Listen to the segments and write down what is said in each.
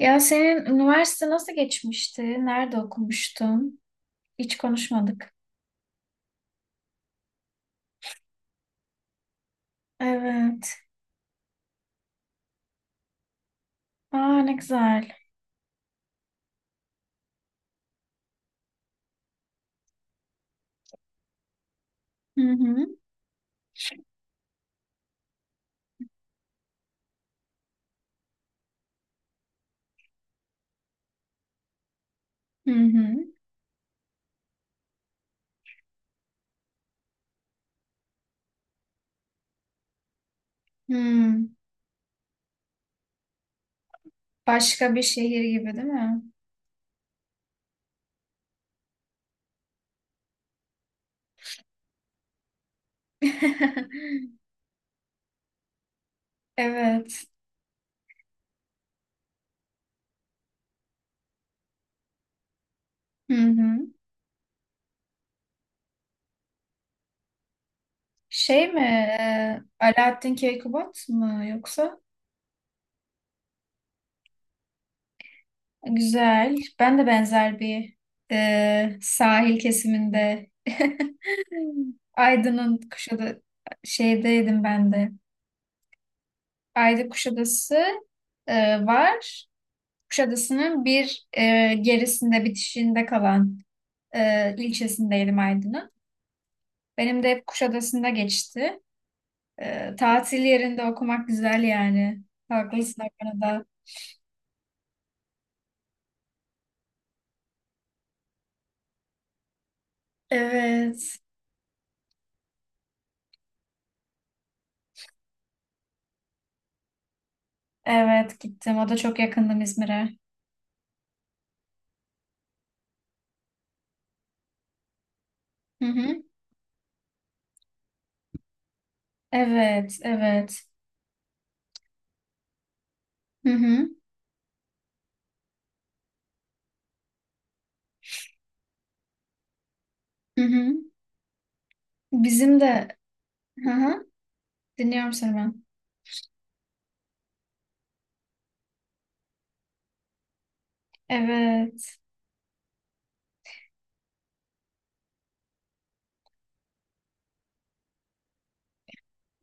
Ya senin üniversite nasıl geçmişti? Nerede okumuştun? Hiç konuşmadık. Evet. Aa, ne güzel. Hı hı. Hı hı. Hı. Başka bir şehir gibi değil mi? Evet. Hı hı. Şey mi? Alaaddin Keykubat mı yoksa? Güzel. Ben de benzer bir sahil kesiminde Aydın'ın kuşadı şeydeydim ben de. Ayda Kuşadası e, var. Kuşadası'nın bir gerisinde, bitişinde kalan ilçesindeydim Aydın'ın. Benim de hep Kuşadası'nda geçti. Tatil yerinde okumak güzel yani. Haklısın o konuda. Evet, evet gittim. O da çok yakındım İzmir'e. Hı hı. Evet, evet. Hı hı, hı hı. Bizim de, hı hı. Dinliyorum seni ben. Evet.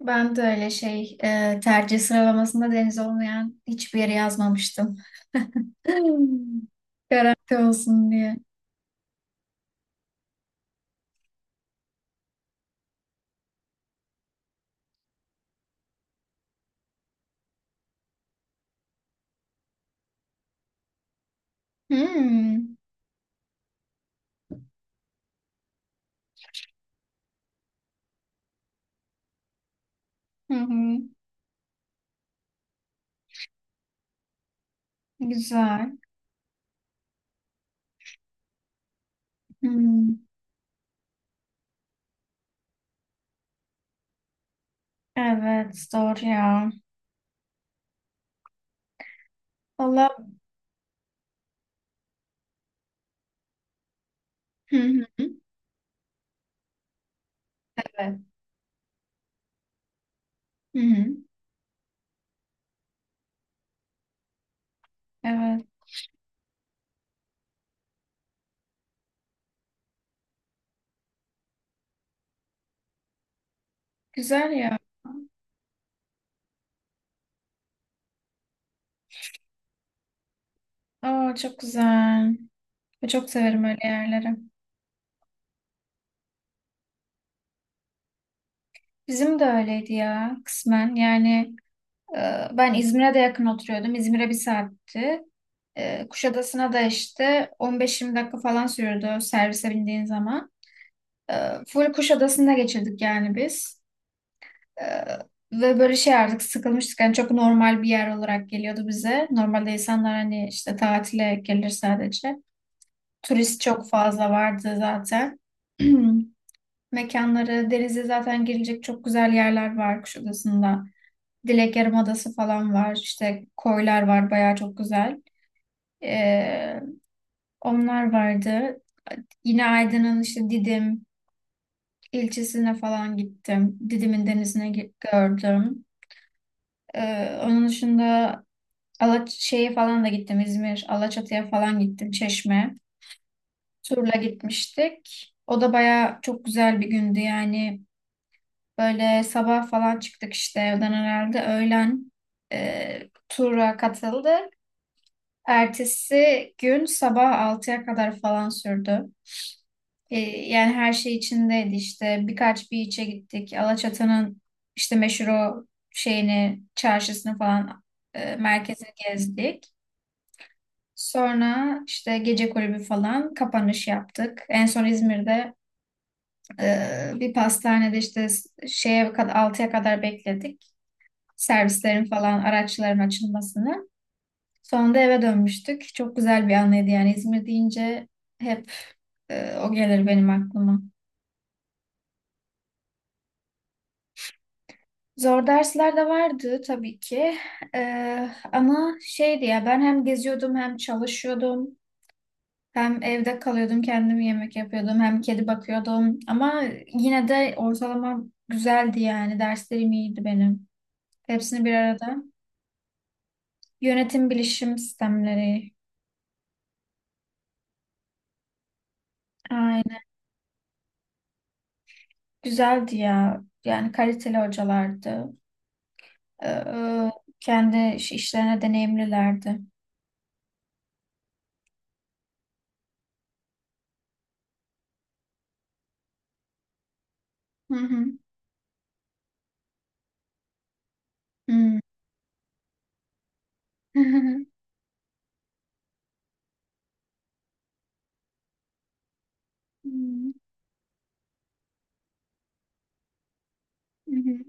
Ben de öyle şey tercih sıralamasında deniz olmayan hiçbir yere yazmamıştım. Garanti olsun diye. Hmm. Hı hı. Güzel. Hmm. Evet, doğru ya. Valla. Hı hı. Evet. Hı hı. Evet. Güzel ya. Aa, çok güzel. Çok severim öyle yerleri. Bizim de öyleydi ya kısmen. Yani ben İzmir'e de yakın oturuyordum. İzmir'e bir saatti. Kuşadası'na da işte 15-20 dakika falan sürüyordu servise bindiğin zaman. Ee, Full Kuşadası'nda geçirdik yani biz. Ee, Ve böyle şey artık sıkılmıştık. Yani çok normal bir yer olarak geliyordu bize. Normalde insanlar hani işte tatile gelir sadece. Turist çok fazla vardı zaten. Mekanları, denize zaten girilecek çok güzel yerler var Kuşadası'nda. Dilek Yarımadası falan var. İşte koylar var, bayağı çok güzel. Ee, onlar vardı. Yine Aydın'ın işte Didim ilçesine falan gittim. Didim'in denizine gördüm. Onun dışında Alaç şeye falan da gittim. İzmir, Alaçatı'ya falan gittim. Çeşme. Turla gitmiştik. O da bayağı çok güzel bir gündü yani. Böyle sabah falan çıktık işte evden herhalde. Öğlen tura katıldı. Ertesi gün sabah 6'ya kadar falan sürdü. Yani her şey içindeydi işte. Birkaç bir içe gittik. Alaçatı'nın işte meşhur o şeyini, çarşısını falan merkezini gezdik. Sonra işte gece kulübü falan kapanış yaptık. En son İzmir'de bir pastanede işte şeye kadar 6'ya kadar bekledik. Servislerin falan araçların açılmasını. Sonunda eve dönmüştük. Çok güzel bir anıydı yani, İzmir deyince hep o gelir benim aklıma. Zor dersler de vardı tabii ki. Ama şeydi ya, ben hem geziyordum hem çalışıyordum. Hem evde kalıyordum, kendim yemek yapıyordum, hem kedi bakıyordum. Ama yine de ortalamam güzeldi yani, derslerim iyiydi benim. Hepsini bir arada. Yönetim bilişim sistemleri. Aynen. Güzeldi ya. Yani kaliteli hocalardı. Ee, kendi işlerine deneyimlilerdi. Hı hı. Hmm. Hmm. Hmm.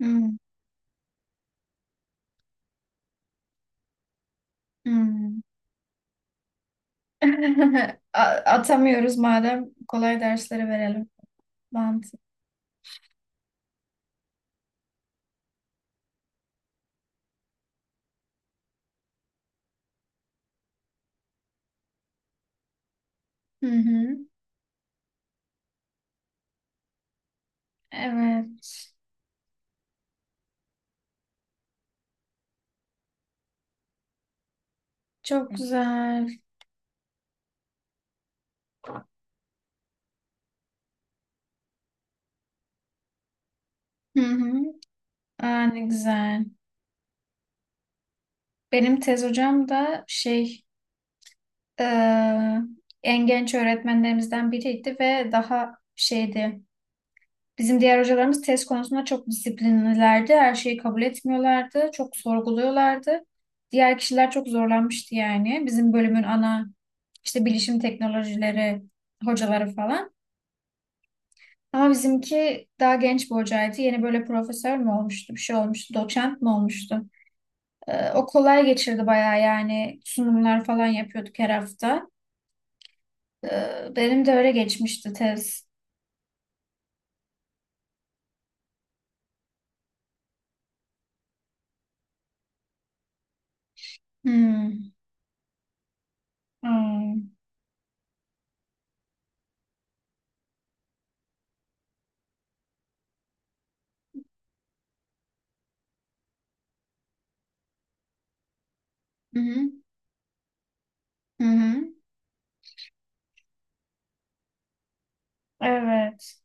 Hmm. Hmm. A- Atamıyoruz, madem kolay dersleri verelim. Mantık. Hı hı. Evet. Çok güzel. Hı hı. Aa, ne güzel. Benim tez hocam da şey, e, en genç öğretmenlerimizden biriydi ve daha şeydi. Bizim diğer hocalarımız test konusunda çok disiplinlilerdi. Her şeyi kabul etmiyorlardı. Çok sorguluyorlardı. Diğer kişiler çok zorlanmıştı yani. Bizim bölümün ana işte bilişim teknolojileri hocaları falan. Ama bizimki daha genç bir hocaydı. Yeni böyle profesör mü olmuştu, bir şey olmuştu, doçent mi olmuştu? O kolay geçirdi bayağı yani. Sunumlar falan yapıyorduk her hafta. Benim de öyle geçmişti tez. Hmm. Hmm. Hı hı. Hı hı. Evet.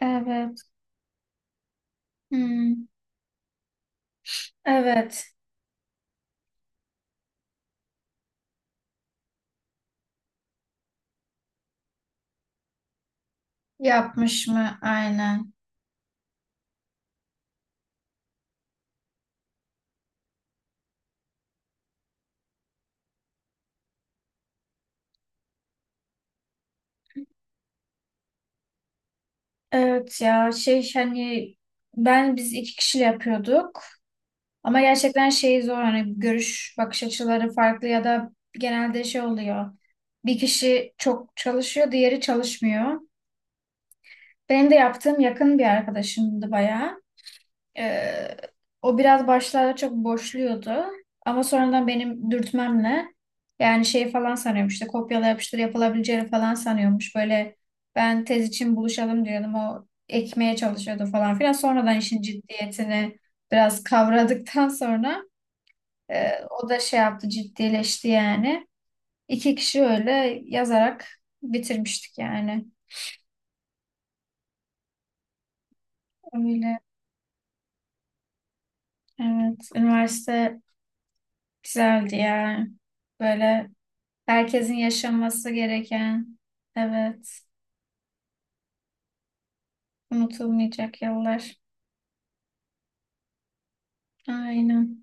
Evet. Hmm, evet, yapmış mı aynen. Evet ya, şey hani, ben biz iki kişiyle yapıyorduk ama gerçekten şey zor, hani görüş bakış açıları farklı ya da genelde şey oluyor. Bir kişi çok çalışıyor, diğeri çalışmıyor. Benim de yaptığım yakın bir arkadaşımdı bayağı. Ee, o biraz başlarda çok boşluyordu. Ama sonradan benim dürtmemle, yani şey falan sanıyormuş işte, kopyala yapıştır yapılabileceğini falan sanıyormuş. Böyle ben tez için buluşalım diyordum, o ekmeye çalışıyordu falan filan. Sonradan işin ciddiyetini biraz kavradıktan sonra o da şey yaptı, ciddileşti yani. İki kişi öyle yazarak bitirmiştik yani. Öyle. Evet. Üniversite güzeldi ya. Böyle herkesin yaşaması gereken, evet, unutulmayacak yıllar. Aynen.